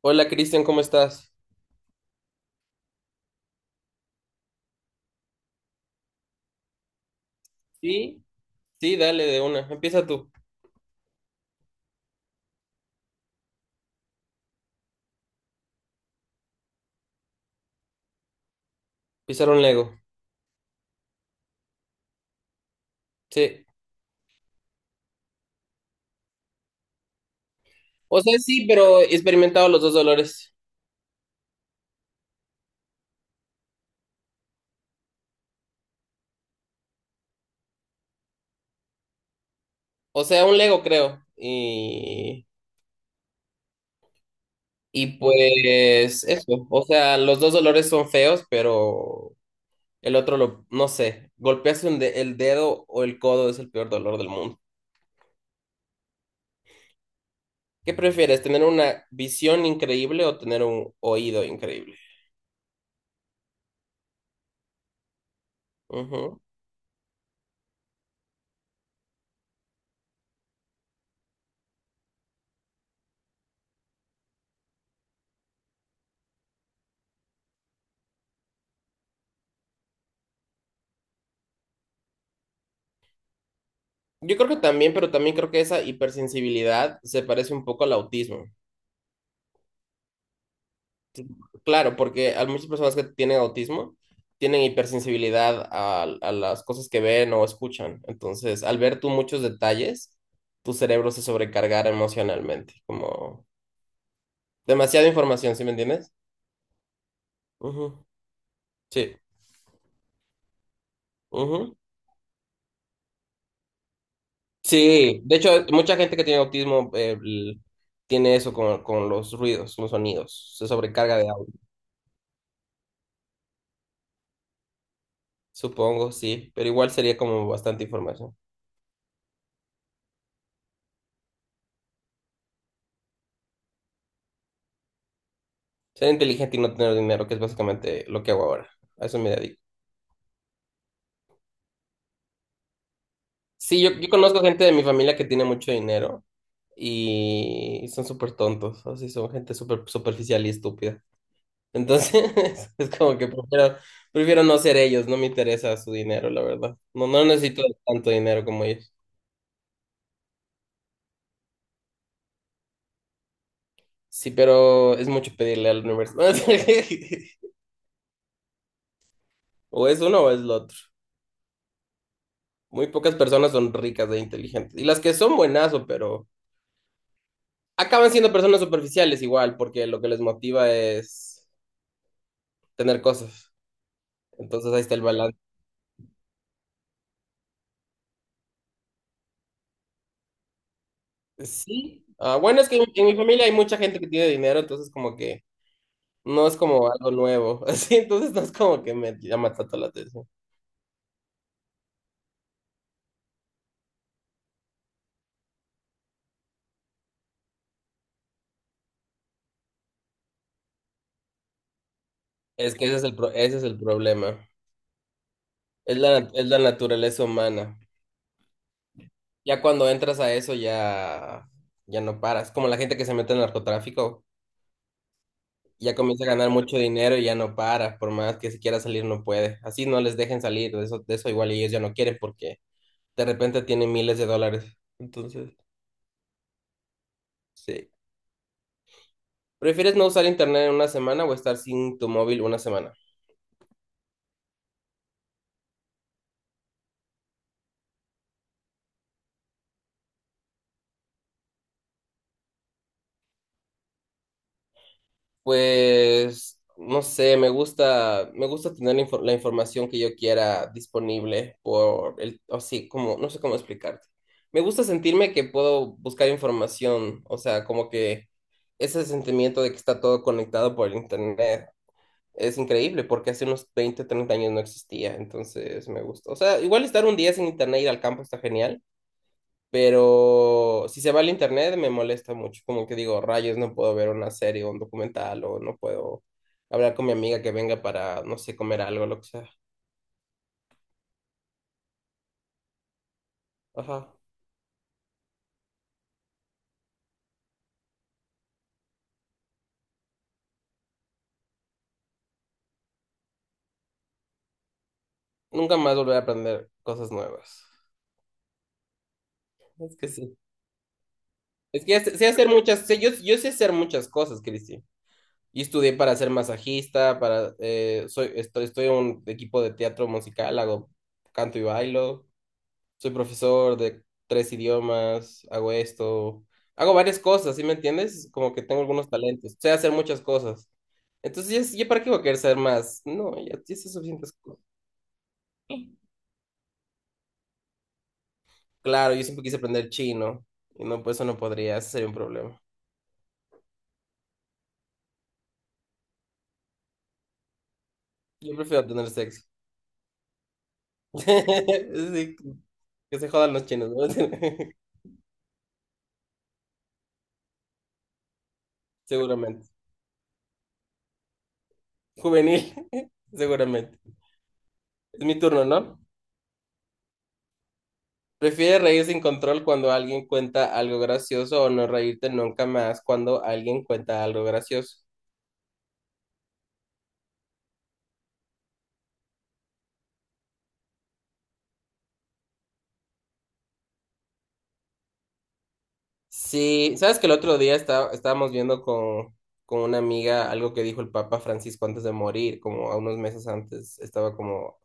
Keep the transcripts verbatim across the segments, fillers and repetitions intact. Hola Cristian, ¿cómo estás? Sí, sí, dale de una. Empieza tú. Pisar un Lego. Sí. O sea, sí, pero he experimentado los dos dolores. O sea, un Lego creo. Y, y pues eso. O sea, los dos dolores son feos, pero el otro lo, no sé. Golpearse un de- el dedo o el codo es el peor dolor del mundo. ¿Qué prefieres? ¿Tener una visión increíble o tener un oído increíble? Ujú. Yo creo que también, pero también creo que esa hipersensibilidad se parece un poco al autismo. Claro, porque hay muchas personas que tienen autismo tienen hipersensibilidad a, a las cosas que ven o escuchan. Entonces, al ver tú muchos detalles, tu cerebro se sobrecargará emocionalmente, como demasiada información, ¿sí me entiendes? Ujú, sí. Ujú. Sí, de hecho, mucha gente que tiene autismo eh, l- tiene eso con, con los ruidos, los sonidos, se sobrecarga de audio. Supongo, sí, pero igual sería como bastante información. Ser inteligente y no tener dinero, que es básicamente lo que hago ahora. A eso me dedico. Sí, yo, yo conozco gente de mi familia que tiene mucho dinero y son súper tontos, así son gente súper superficial y estúpida. Entonces, es es como que prefiero, prefiero no ser ellos, no me interesa su dinero, la verdad. No, no necesito tanto dinero como ellos. Sí, pero es mucho pedirle al universo. O es uno o es lo otro. Muy pocas personas son ricas e inteligentes. Y las que son buenazo, pero acaban siendo personas superficiales igual, porque lo que les motiva es tener cosas. Entonces ahí está el balance. Sí. Ah, bueno, es que en, en mi familia hay mucha gente que tiene dinero, entonces como que no es como algo nuevo, así, entonces no es como que me llama tanto la atención. Es que ese es el, pro- ese es el problema, es la, es la naturaleza humana. Ya cuando entras a eso ya, ya no paras, como la gente que se mete en narcotráfico, ya comienza a ganar mucho dinero y ya no para, por más que si quiera salir no puede. Así no les dejen salir, de eso, de eso igual ellos ya no quieren porque de repente tienen miles de dólares, entonces, sí. ¿Prefieres no usar internet en una semana o estar sin tu móvil una semana? Pues no sé, me gusta, me gusta tener la, infor- la información que yo quiera disponible por el, así como, no sé cómo explicarte. Me gusta sentirme que puedo buscar información, o sea, como que ese sentimiento de que está todo conectado por el internet es increíble porque hace unos veinte, treinta años no existía, entonces me gusta. O sea, igual estar un día sin internet, ir al campo está genial. Pero si se va al internet me molesta mucho, como que digo, rayos, no puedo ver una serie o un documental o no puedo hablar con mi amiga que venga para, no sé, comer algo, lo que sea. Ajá. Nunca más volver a aprender cosas nuevas. Es que sí. Es que ya sé, sé hacer muchas, sé- yo, yo sé hacer muchas cosas, Cristi. Y estudié para ser masajista, para, eh, soy, estoy, estoy en un equipo de teatro musical, hago canto y bailo. Soy profesor de tres idiomas, hago esto, hago varias cosas, ¿sí me entiendes? Como que tengo algunos talentos, sé hacer muchas cosas. Entonces, ya, es- ya ¿para qué voy a querer saber más? No, ya, ya sé suficientes cosas. Claro, yo siempre quise aprender chino y no, pues eso no podría, ese sería un problema. Yo prefiero tener sexo. Sí, que se jodan los chinos, ¿no? Seguramente. Juvenil, seguramente. Es mi turno, ¿no? Prefiere reír sin control cuando alguien cuenta algo gracioso o no reírte nunca más cuando alguien cuenta algo gracioso. Sí, sabes que el otro día está- estábamos viendo con, con una amiga algo que dijo el Papa Francisco antes de morir, como a unos meses antes, estaba como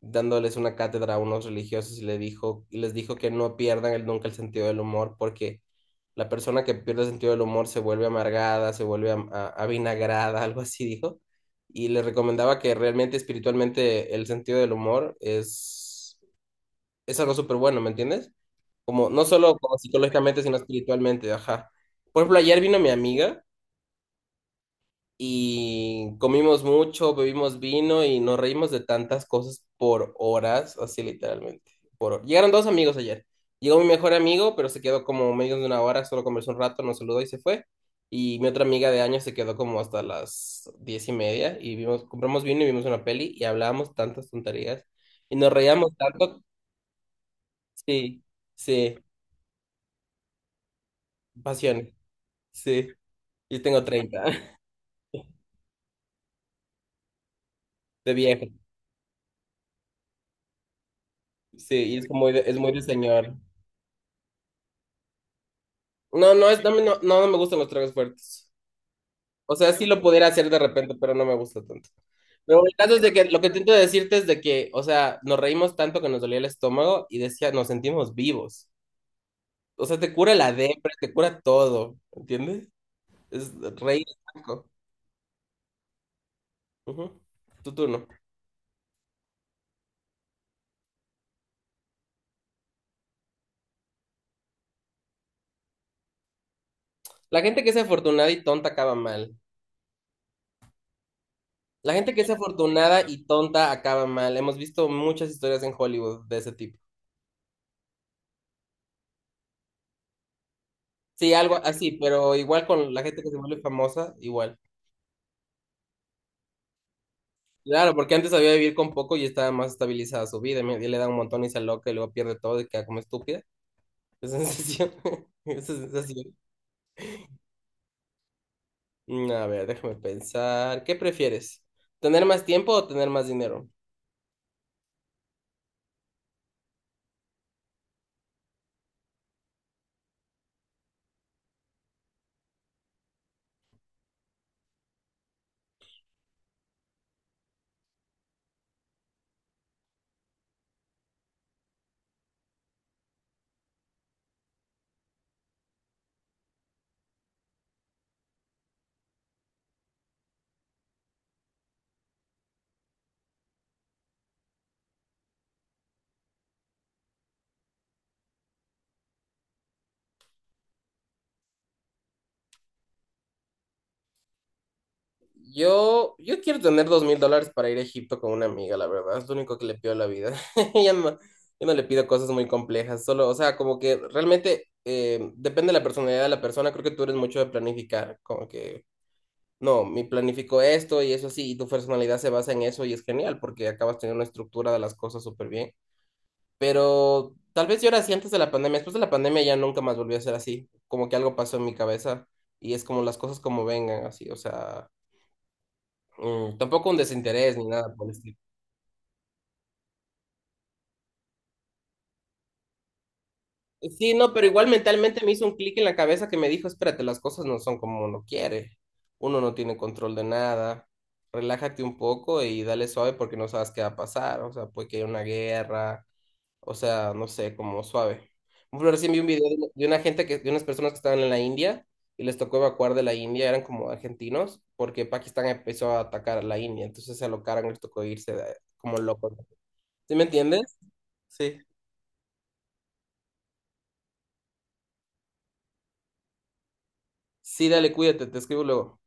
dándoles una cátedra a unos religiosos y, le dijo, y les dijo que no pierdan el, nunca el sentido del humor porque la persona que pierde el sentido del humor se vuelve amargada, se vuelve am- a- avinagrada, algo así dijo. Y les recomendaba que realmente espiritualmente el sentido del humor es, es algo súper bueno, ¿me entiendes? Como, no solo como psicológicamente, sino espiritualmente, ajá. Por ejemplo, ayer vino mi amiga y comimos mucho, bebimos vino y nos reímos de tantas cosas por horas, así literalmente. Por... hor- Llegaron dos amigos ayer. Llegó mi mejor amigo, pero se quedó como menos de una hora, solo conversó un rato, nos saludó y se fue. Y mi otra amiga de años se quedó como hasta las diez y media y vimos, compramos vino y vimos una peli y hablábamos tantas tonterías y nos reíamos tanto. Sí, sí, pasiones, sí. Yo tengo treinta de viejo, sí, y es como de- es muy de señor. No, no, es, no, me- no, no me gustan los tragos fuertes. O sea, sí lo pudiera hacer de repente, pero no me gusta tanto. Pero el caso es de que lo que intento decirte es de que, o sea, nos reímos tanto que nos dolía el estómago y decía, nos sentimos vivos. O sea, te cura la depre, te cura todo, ¿entiendes? Es reír. Es rico. Ujú. Tu turno. La gente que es afortunada y tonta acaba mal. La gente que es afortunada y tonta acaba mal. Hemos visto muchas historias en Hollywood de ese tipo. Sí, algo así, pero igual con la gente que se vuelve famosa, igual. Claro, porque antes sabía vivir con poco y estaba más estabilizada su vida. Y me- y le da un montón y se aloca y luego pierde todo y queda como estúpida. Esa sensación. Esa sensación. Mm, a ver, déjame pensar. ¿Qué prefieres? ¿Tener más tiempo o tener más dinero? Yo, yo quiero tener dos mil dólares para ir a Egipto con una amiga, la verdad. Es lo único que le pido a la vida. Ya no, yo no le pido cosas muy complejas. Solo, o sea, como que realmente eh, depende de la personalidad de la persona. Creo que tú eres mucho de planificar. Como que no, mi planificó esto y eso así, y tu personalidad se basa en eso y es genial porque acabas teniendo una estructura de las cosas súper bien. Pero tal vez yo era así antes de la pandemia, después de la pandemia ya nunca más volví a ser así, como que algo pasó en mi cabeza y es como las cosas como vengan así, o sea, mm, tampoco un desinterés ni nada por el estilo. Eh, Sí, no, pero igual mentalmente me hizo un clic en la cabeza que me dijo, espérate, las cosas no son como uno quiere, uno no tiene control de nada, relájate un poco y dale suave porque no sabes qué va a pasar, o sea, puede que haya una guerra. O sea, no sé, como suave. Por ejemplo, recién vi un video de una de una gente que, de unas personas que estaban en la India y les tocó evacuar de la India, eran como argentinos, porque Pakistán empezó a atacar a la India, entonces se alocaron y les tocó irse de- como locos. ¿Sí me entiendes? Sí. Sí, dale, cuídate, te escribo luego.